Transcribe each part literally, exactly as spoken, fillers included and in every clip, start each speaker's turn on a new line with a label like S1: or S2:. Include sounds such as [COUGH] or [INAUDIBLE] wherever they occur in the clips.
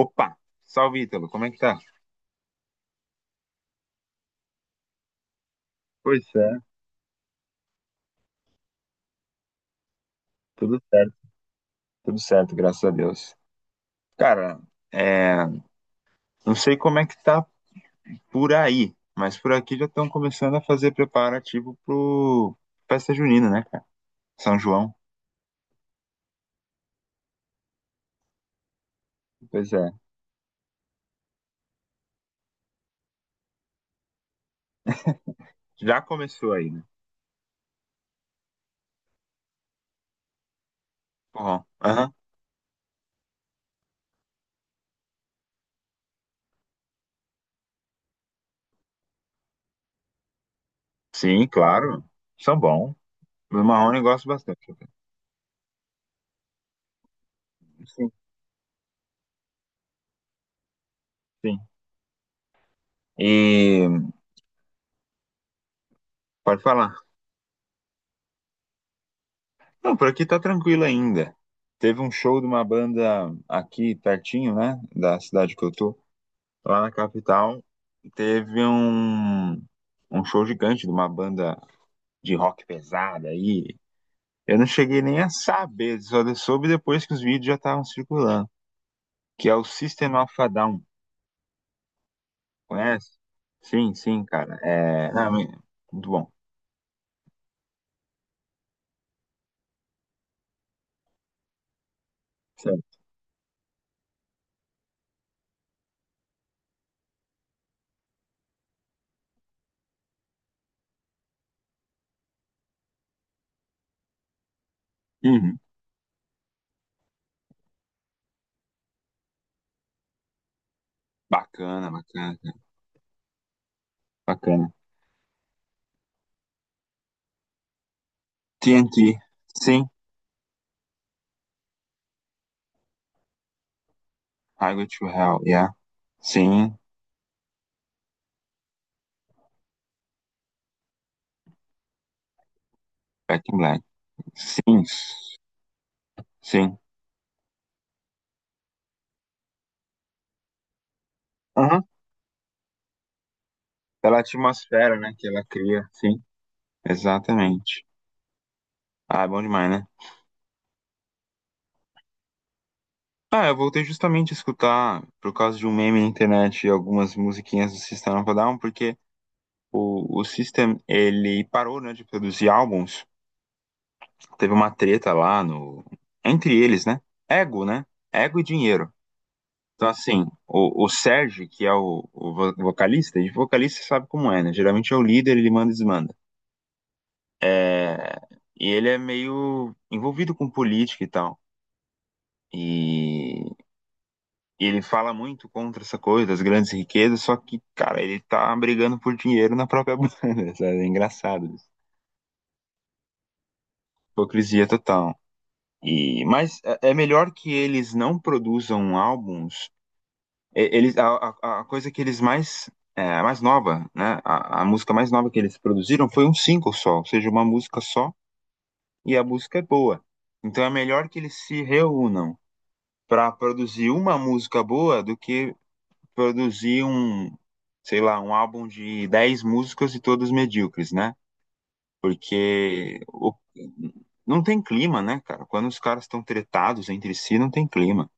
S1: Opa! Salve, Ítalo, como é que tá? Pois é, tudo certo, tudo certo, graças a Deus. Cara, é, não sei como é que tá por aí, mas por aqui já estão começando a fazer preparativo pro festa junina, né, cara? São João. Pois é. Já começou aí, né? Forró. Aham. Sim, claro. São bom. Do Marrone eu gosto bastante. Sim, sim. E pode falar. Não, por aqui tá tranquilo ainda. Teve um show de uma banda aqui pertinho, né? Da cidade que eu tô, lá na capital, teve um, um show gigante de uma banda de rock pesada aí. Eu não cheguei nem a saber, só soube depois que os vídeos já estavam circulando, que é o System of a Down, conhece? Sim, sim, cara. É, não, me- Muito bom. Sério. Uhum. Bacana, bacana, cara, bacana. T N T, sim. Highway to Hell, yeah. Sim. Back in Black. Sim, sim. Uhum. Pela atmosfera, né, que ela cria, sim. Exatamente. Ah, é bom demais, né? Ah, eu voltei justamente a escutar, por causa de um meme na internet, algumas musiquinhas do System of a Down, porque o, o System, ele parou, né, de produzir álbuns. Teve uma treta lá no... Entre eles, né? Ego, né? Ego e dinheiro. Então, assim, o, o Sérgio, que é o, o vo- vocalista, e vocalista sabe como é, né? Geralmente é o líder, ele manda e desmanda. É... E ele é meio envolvido com política e tal. E E ele fala muito contra essa coisa das grandes riquezas, só que, cara, ele tá brigando por dinheiro na própria [LAUGHS] banda, sabe? É engraçado isso. Hipocrisia total. E, mas é é melhor que eles não produzam álbuns. E- Eles, a, a- a coisa que eles mais, é, mais nova, né? A, a música mais nova que eles produziram foi um single só, ou seja, uma música só, e a música é boa. Então é melhor que eles se reúnam para produzir uma música boa do que produzir um, sei lá, um álbum de dez músicas e todas medíocres, né? Porque o- não tem clima, né, cara? Quando os caras estão tretados entre si, não tem clima.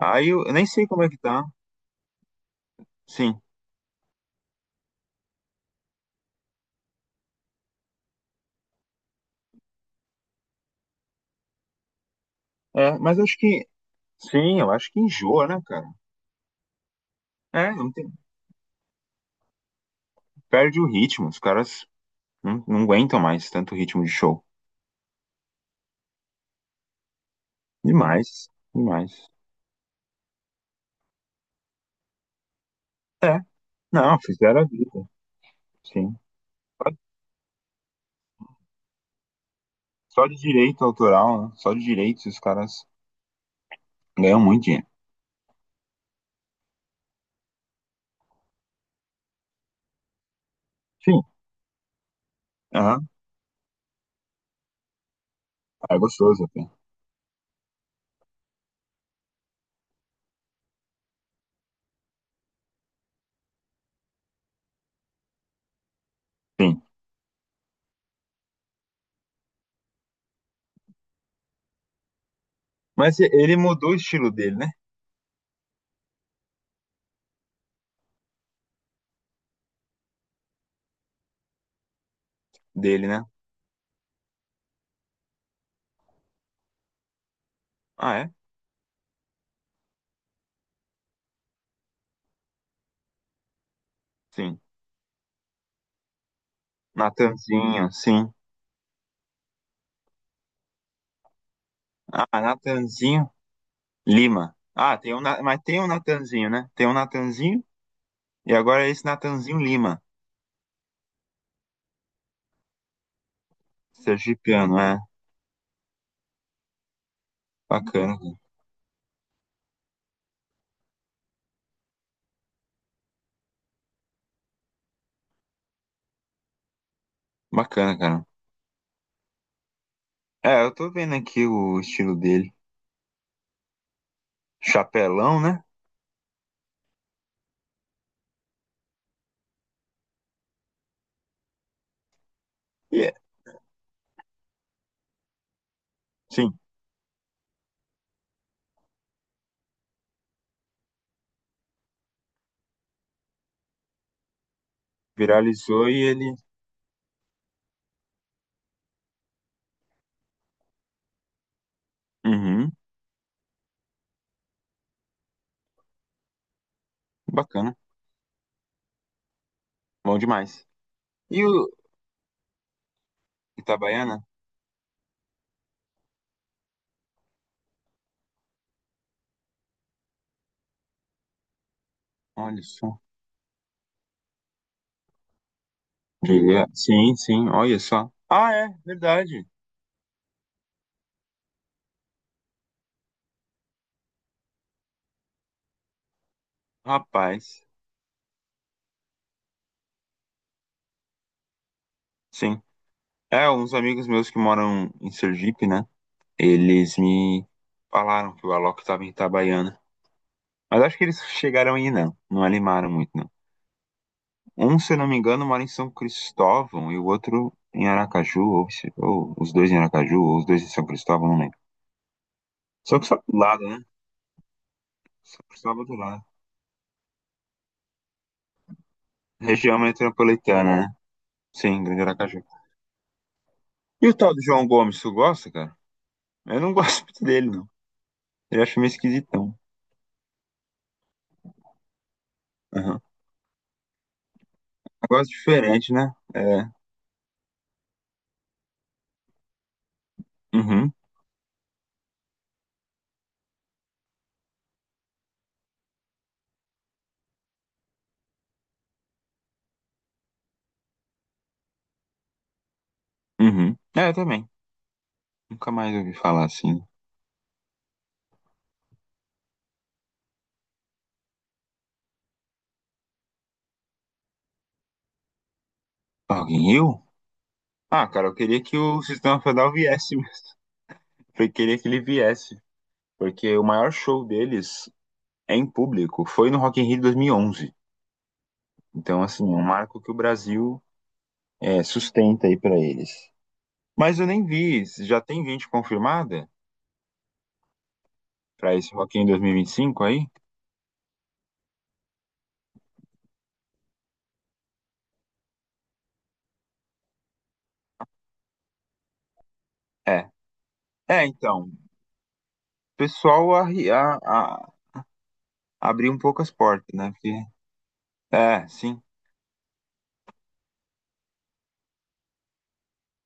S1: Aí eu, eu nem sei como é que tá. Sim. É, mas acho que. Sim, eu acho que enjoa, né, cara? É, não tem, perde o ritmo. Os caras não, não aguentam mais tanto ritmo de show. Demais, demais. É, não, fizeram a vida. Sim. Só Só de direito autoral, né? Só de direitos os caras ganham muito dinheiro. Sim. Aham. Ah, é gostoso até. Sim. Mas e- ele mudou o estilo dele, né? Dele, né? Ah, é? Sim. Natanzinho, sim. Ah, Natanzinho Lima. Ah, tem um, Na- mas tem um Natanzinho, né? Tem um Natanzinho e agora é esse Natanzinho Lima. Sergipiano, é. Bacana. Bacana, cara. É, eu tô vendo aqui o estilo dele. Chapelão, né? E é. Sim. Viralizou e ele. Uhum. Bacana. Bom demais. E o Itabaiana? Olha só. Diria. Sim, sim, olha só. Ah, é, verdade. Rapaz, sim. É, uns amigos meus que moram em Sergipe, né? Eles me falaram que o Alok estava em Itabaiana. Mas acho que eles chegaram aí, não. Não animaram muito, não. Um, se eu não me engano, mora em São Cristóvão e o outro em Aracaju, ou, se- ou os dois em Aracaju, ou os dois em São Cristóvão, não lembro. Só que só do lado, né? São Cristóvão do lado. Região metropolitana, né? Sim, Grande Aracaju. E o tal do João Gomes, tu gosta, cara? Eu não gosto muito dele, não. Ele acho meio esquisitão. Aham. Negócio diferente, né? É. Uhum. Uhum. É, eu também. Nunca mais ouvi falar assim. Alguém eu? Ah, cara, eu queria que o Sistema Federal viesse mesmo. [LAUGHS] Eu queria que ele viesse. Porque o maior show deles é em público foi no Rock in Rio de dois mil e onze. Então, assim, é um marco que o Brasil, é, sustenta aí pra eles. Mas eu nem vi. Já tem gente confirmada pra esse Rock in Rio dois mil e vinte e cinco aí? É. É, então. O pessoal arri- a- a- abrir um pouco as portas, né? Porque, é, sim,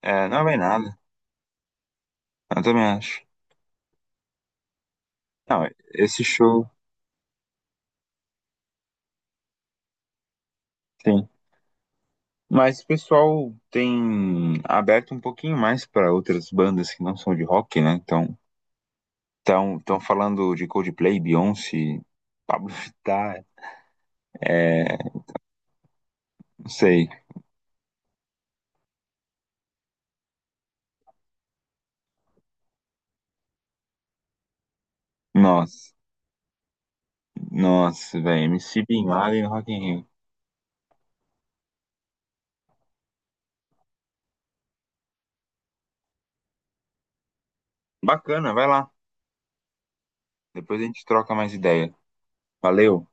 S1: é, não vai nada, eu também acho. Não, esse show, sim. Mas o pessoal tem aberto um pouquinho mais para outras bandas que não são de rock, né? Então, estão tão falando de Coldplay, Beyoncé, Pablo Vittar, é, não sei. Nossa, nossa, velho, M C Bin Laden, no Rock in Rio. Bacana, vai lá. Depois a gente troca mais ideia. Valeu.